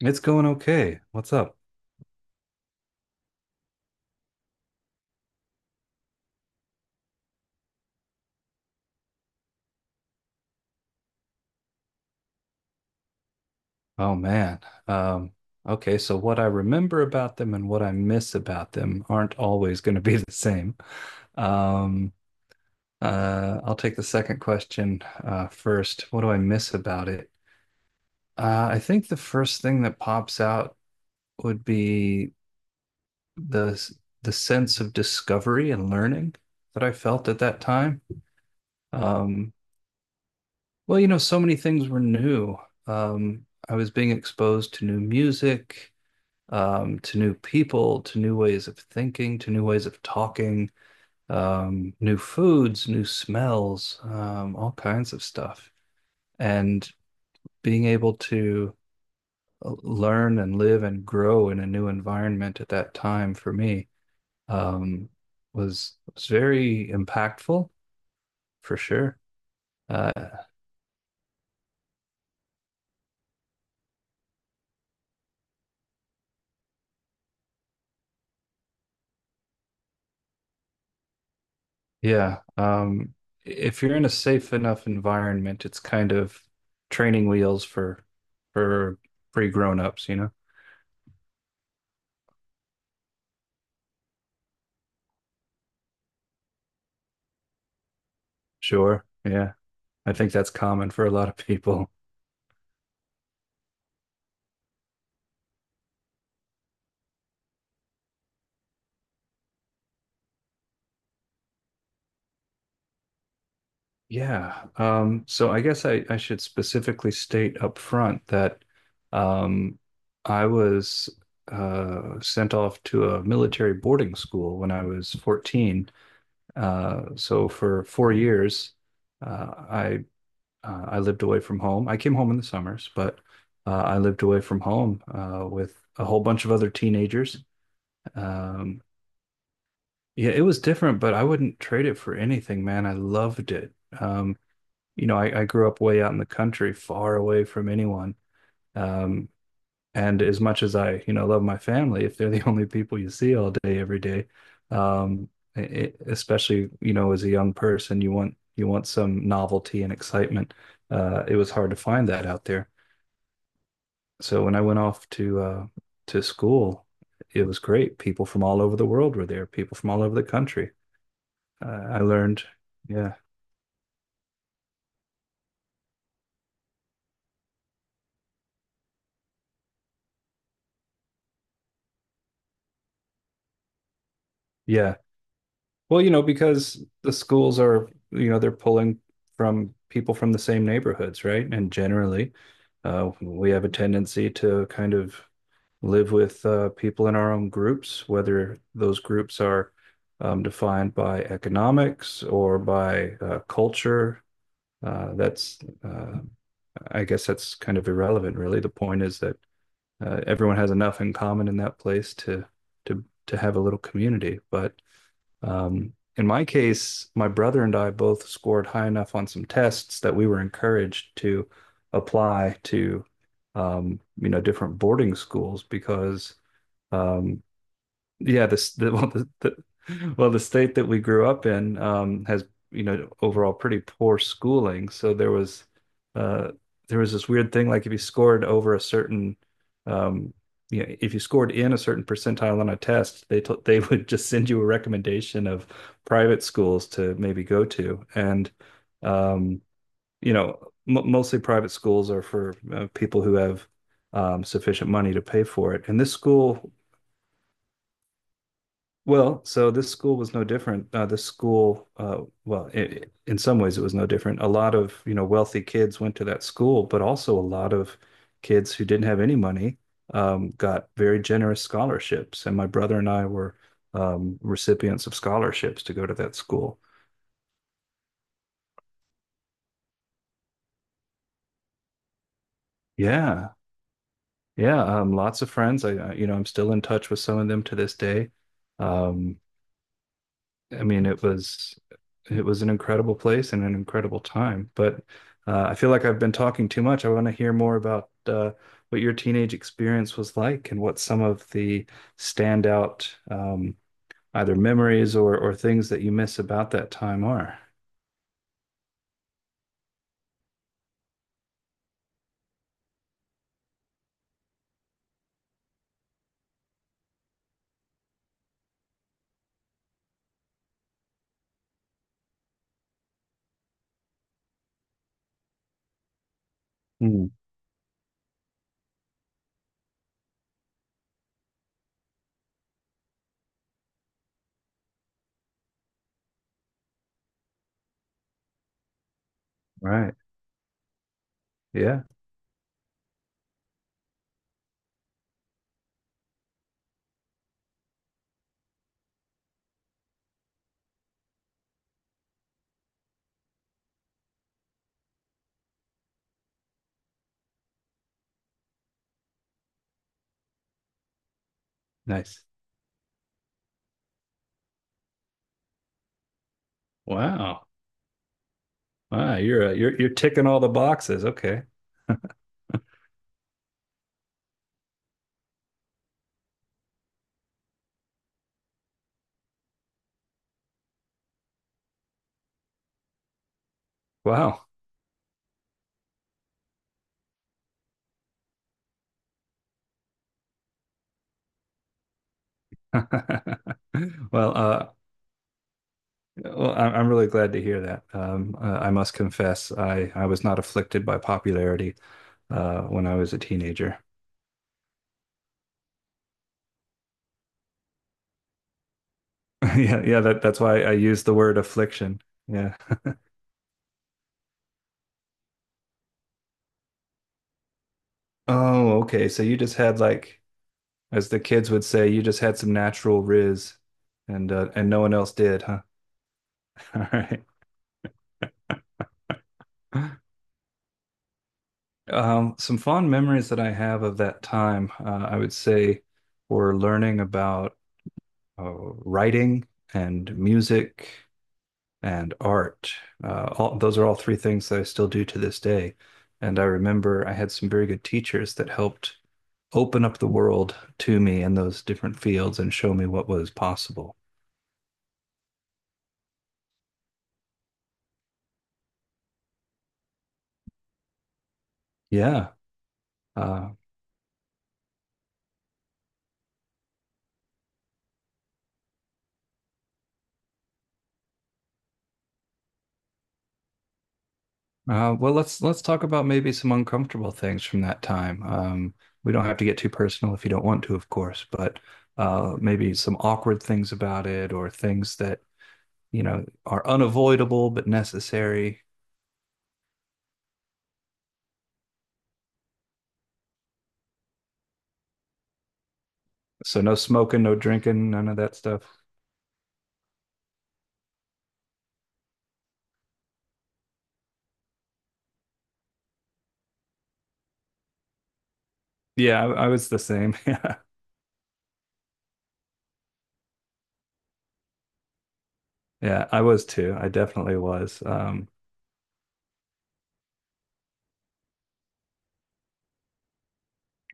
It's going okay. What's up? Oh man. Um, okay, so what I remember about them and what I miss about them aren't always going to be the same. Um, I'll take the second question first. What do I miss about it? I think the first thing that pops out would be the the sense of discovery and learning that I felt at that time. Um, well, you know, so many things were new. I was being exposed to new music, to new people, to new ways of thinking, to new ways of talking, new foods, new smells, all kinds of stuff. And being able to learn and live and grow in a new environment at that time for me, um, was very impactful for sure. Uh, yeah, if you're in a safe enough environment, it's kind of training wheels for for pre grown ups, you know. Sure. Yeah. I think that's common for a lot of people. Yeah. So I guess I should specifically state up front that, um, I was sent off to a military boarding school when I was 14. So for 4 years, uh, I I lived away from home. I came home in the summers, but I lived away from home with a whole bunch of other teenagers. Um, Yeah, it was different, but I wouldn't trade it for anything, man. I loved it. Um, I grew up way out in the country, far away from anyone. Um, and as much as I, you know, love my family, if they're the only people you see all day, every day, um, it, especially, you know, as a young person, you want some novelty and excitement. It was hard to find that out there. So when I went off to school, it was great. People from all over the world were there, people from all over the country. I I learned. Yeah. Yeah. Well, you know, because the schools are, you know, they're pulling from people from the same neighborhoods, right? And generally, we have a tendency to kind of live with people in our own groups, whether those groups are, defined by economics or by culture. Uh, that's, uh, I guess that's kind of irrelevant, really. The point is that, everyone has enough in common in that place to to have a little community. But, in my case, my brother and I both scored high enough on some tests that we were encouraged to apply to, you know, different boarding schools because, um, yeah, this the, well the, the the state that we grew up in, has, you know, overall pretty poor schooling. So there was, uh, there was this weird thing like if you scored over a certain, um, you know, if you scored in a certain percentile on a test, they t- they would just send you a recommendation of private schools to maybe go to. And, um, you know, m mostly private schools are for people who have, sufficient money to pay for it. And this school, this school was no different. This school, well, I In some ways, it was no different. A lot of, you know, wealthy kids went to that school, but also a lot of kids who didn't have any money, got very generous scholarships. And my brother and I were, recipients of scholarships to go to that school. Yeah, yeah, lots of friends. I, you know, I'm still in touch with some of them to this day. Um, I mean, it was an incredible place and an incredible time. But, I feel like I've been talking too much. I want to hear more about what your teenage experience was like and what some of the standout, either memories or things that you miss about that time are. Hmm. Right. Yeah. Nice. Wow. Wow. You're you're ticking all the boxes. Okay. Wow. Well, I'm really glad to hear that. I must confess, I was not afflicted by popularity when I was a teenager. Yeah, yeah, that's why I used the word affliction. Yeah. Oh, okay. So you just had like, as the kids would say, you just had some natural riz, and no one else did, huh? All right. Some fond memories that I have of that time, I would say, were learning about writing and music and art. All, those are all three things that I still do to this day. And I remember I had some very good teachers that helped open up the world to me in those different fields and show me what was possible. Yeah. Uh, well, let's talk about maybe some uncomfortable things from that time. We don't have to get too personal if you don't want to, of course, but, maybe some awkward things about it or things that you know are unavoidable but necessary. So no smoking, no drinking, none of that stuff. Yeah, I was the same. Yeah. Yeah, I was too. I definitely was.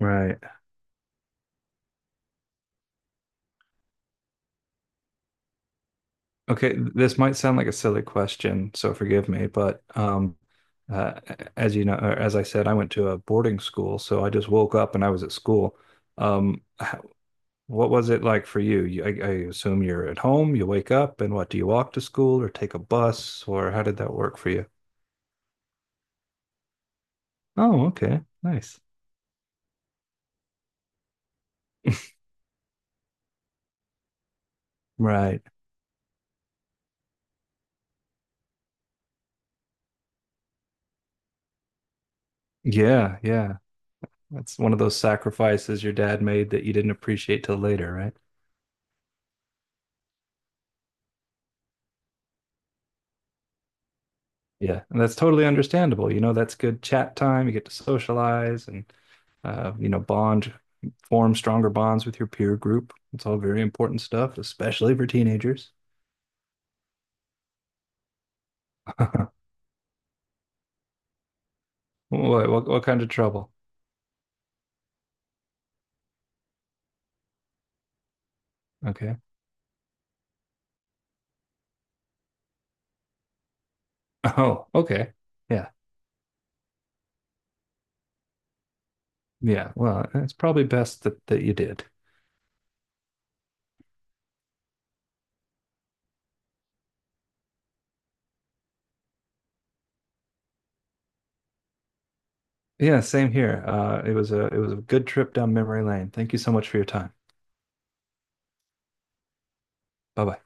Right. Okay, this might sound like a silly question, so forgive me, but, uh, as you know, or as I said, I went to a boarding school, so I just woke up and I was at school. Um, h- what was it like for you? I assume you're at home, you wake up, and what, do you walk to school or take a bus, or how did that work for you? Oh, okay. Nice. Right. Yeah, yeah. That's one of those sacrifices your dad made that you didn't appreciate till later, right? Yeah, and that's totally understandable. You know, that's good chat time. You get to socialize and, you know, bond, form stronger bonds with your peer group. It's all very important stuff, especially for teenagers. What kind of trouble? Okay. Oh, okay. Yeah. Yeah. Well, it's probably best that you did. Yeah, same here. It was a good trip down memory lane. Thank you so much for your time. Bye bye.